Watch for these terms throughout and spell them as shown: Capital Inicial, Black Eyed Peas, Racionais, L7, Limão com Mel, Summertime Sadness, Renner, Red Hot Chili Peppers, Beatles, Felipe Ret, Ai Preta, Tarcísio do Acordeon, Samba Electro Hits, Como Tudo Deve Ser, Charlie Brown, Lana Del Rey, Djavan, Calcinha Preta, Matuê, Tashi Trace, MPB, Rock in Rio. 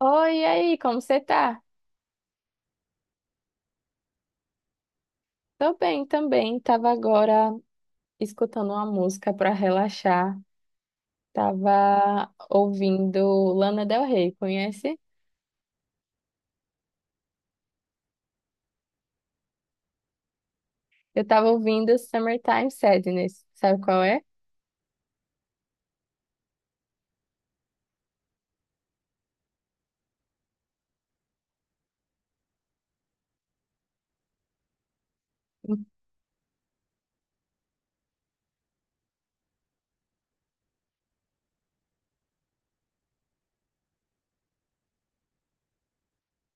Oi, e aí, como você tá? Tô bem também. Tava agora escutando uma música pra relaxar. Tava ouvindo Lana Del Rey, conhece? Eu tava ouvindo Summertime Sadness. Sabe qual é?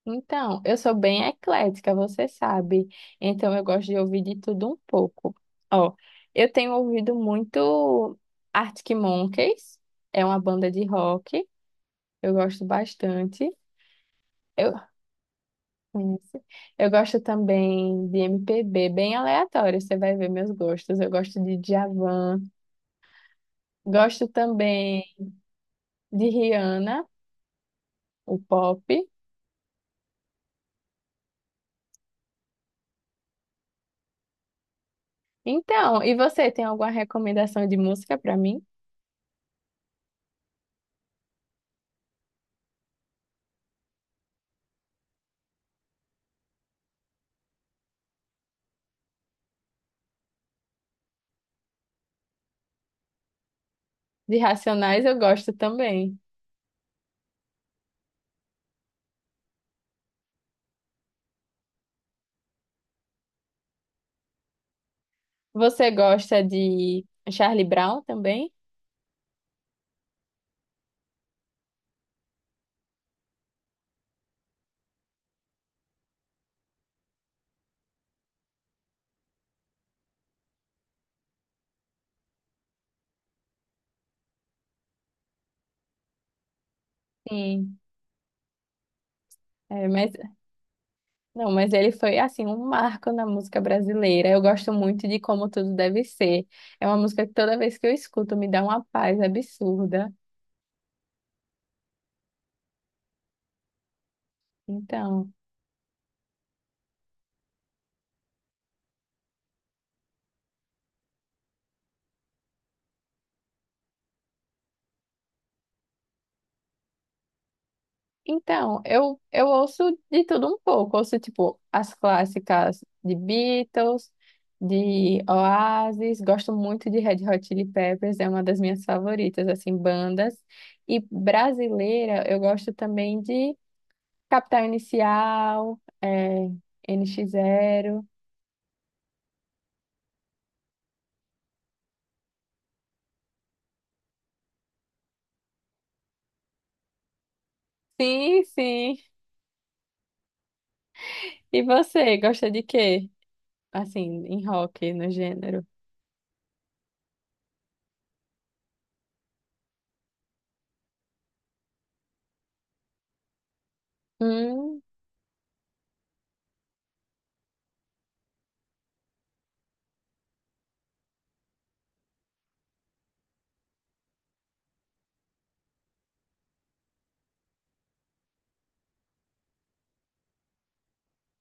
Então, eu sou bem eclética, você sabe. Então, eu gosto de ouvir de tudo um pouco. Ó, eu tenho ouvido muito Arctic Monkeys, é uma banda de rock, eu gosto bastante. Eu, Isso. Eu gosto também de MPB, bem aleatório, você vai ver meus gostos. Eu gosto de Djavan, gosto também de Rihanna, o pop. Então, e você tem alguma recomendação de música para mim? De Racionais eu gosto também. Você gosta de Charlie Brown também? Sim. É, mas não, mas ele foi assim um marco na música brasileira. Eu gosto muito de Como Tudo Deve Ser. É uma música que toda vez que eu escuto me dá uma paz absurda. Então, então, eu ouço de tudo um pouco. Ouço, tipo, as clássicas de Beatles, de Oasis. Gosto muito de Red Hot Chili Peppers, é uma das minhas favoritas, assim, bandas. E brasileira, eu gosto também de Capital Inicial, é, N NX Zero. Sim, sim. E você, gosta de quê? Assim, em rock, no gênero? Hum,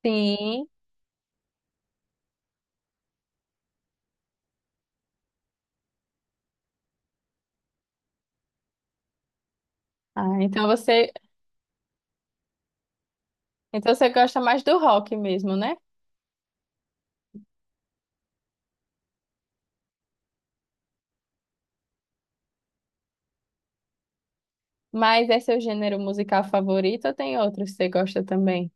sim. Ah, então você Então você gosta mais do rock mesmo, né? Mas é seu gênero musical favorito ou tem outros que você gosta também?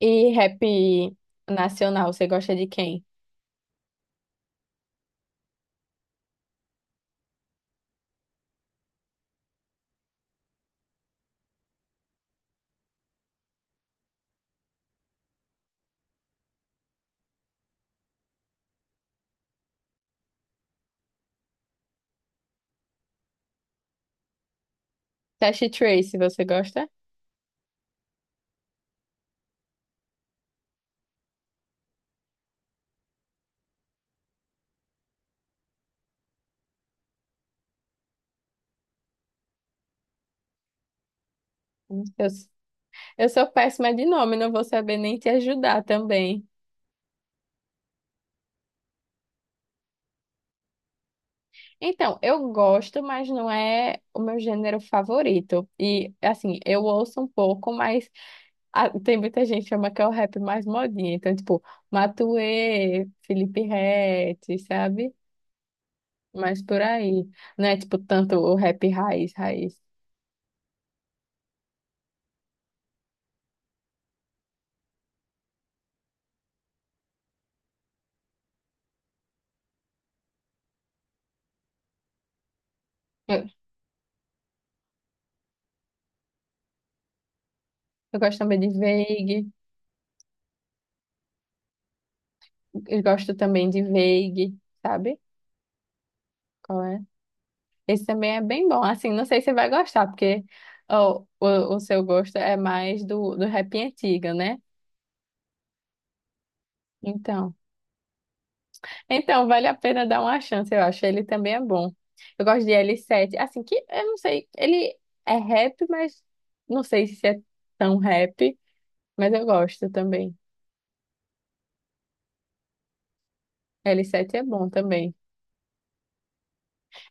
E rap nacional, você gosta de quem? Tashi Trace, você gosta? Eu, eu sou péssima de nome, não vou saber nem te ajudar também. Então, eu gosto, mas não é o meu gênero favorito. E, assim, eu ouço um pouco, mas ah, tem muita gente que chama que é o rap mais modinha. Então, tipo, Matuê, Felipe Ret, sabe? Mas por aí. Não é, tipo, tanto o rap raiz, raiz. Eu, eu gosto também de Veig. Eu gosto também de Veig, sabe? Qual é? Esse também é bem bom. Assim, não sei se você vai gostar, porque ó, o seu gosto é mais do rap antigo, né? Então, então, vale a pena dar uma chance, eu acho. Ele também é bom. Eu gosto de L7, assim que eu não sei, ele é rap, mas não sei se é tão rap, mas eu gosto também. L7 é bom também.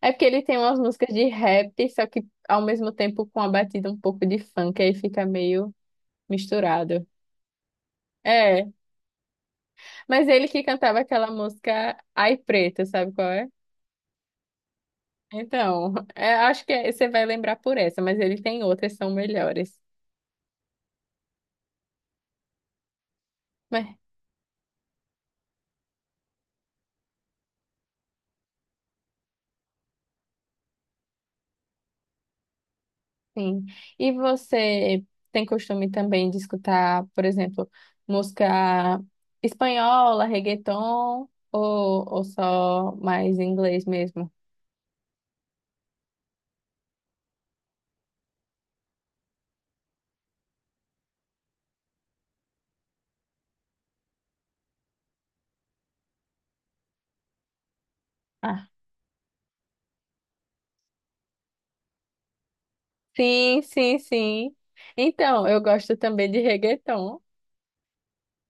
É porque ele tem umas músicas de rap, só que ao mesmo tempo com a batida um pouco de funk, aí fica meio misturado. É, mas ele que cantava aquela música Ai Preta, sabe qual é? Então, é, acho que você vai lembrar por essa, mas ele tem outras que são melhores. Sim. E você tem costume também de escutar, por exemplo, música espanhola, reggaeton, ou só mais inglês mesmo? Ah, sim, sim, sim. Então, eu gosto também de reggaeton.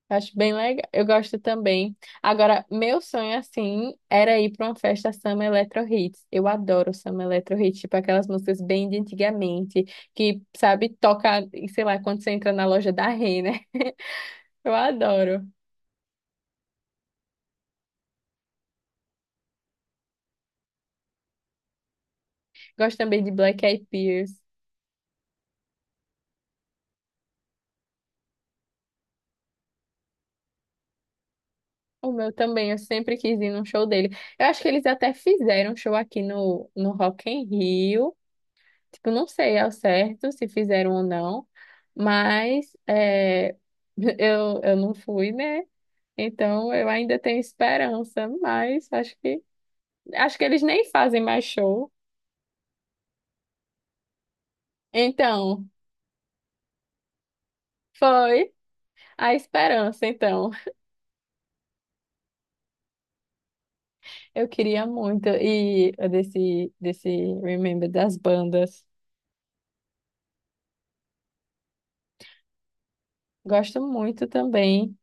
Acho bem legal. Eu gosto também. Agora, meu sonho, assim, era ir para uma festa Samba Electro Hits. Eu adoro Samba Electro Hits, tipo aquelas músicas bem de antigamente, que, sabe, toca, sei lá, quando você entra na loja da Renner. Eu adoro. Gosto também de Black Eyed Peas. O meu também, eu sempre quis ir num show dele. Eu acho que eles até fizeram um show aqui no Rock in Rio. Tipo, não sei ao certo se fizeram ou não, mas é, eu não fui, né? Então eu ainda tenho esperança, mas acho que eles nem fazem mais show. Então, foi a esperança, então. Eu queria muito e desse Remember das bandas. Gosto muito também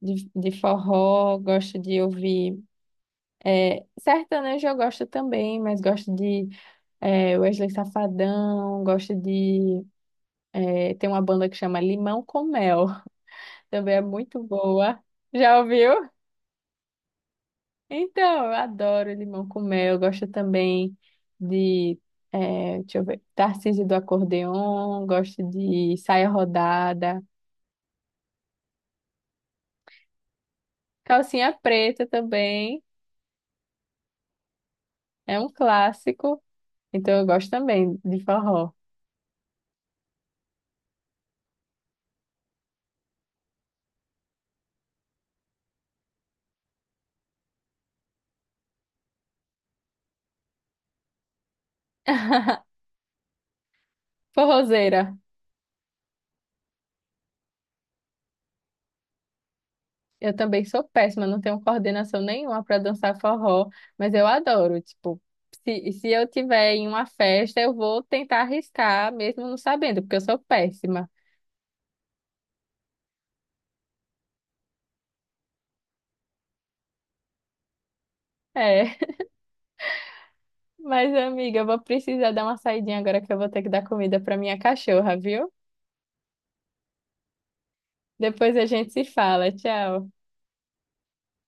de forró, gosto de ouvir. É, sertanejo eu gosto também, mas gosto de é, Wesley Safadão, gosto de. É, tem uma banda que chama Limão com Mel, também é muito boa. Já ouviu? Então, eu adoro Limão com Mel, gosto também de. É, deixa eu ver, Tarcísio do Acordeon, gosto de Saia Rodada, Calcinha Preta também, é um clássico. Então eu gosto também de forró. Forrozeira. Eu também sou péssima, não tenho coordenação nenhuma para dançar forró, mas eu adoro. Tipo, se eu tiver em uma festa, eu vou tentar arriscar, mesmo não sabendo, porque eu sou péssima. É, mas amiga, eu vou precisar dar uma saidinha agora que eu vou ter que dar comida para minha cachorra, viu? Depois a gente se fala. Tchau.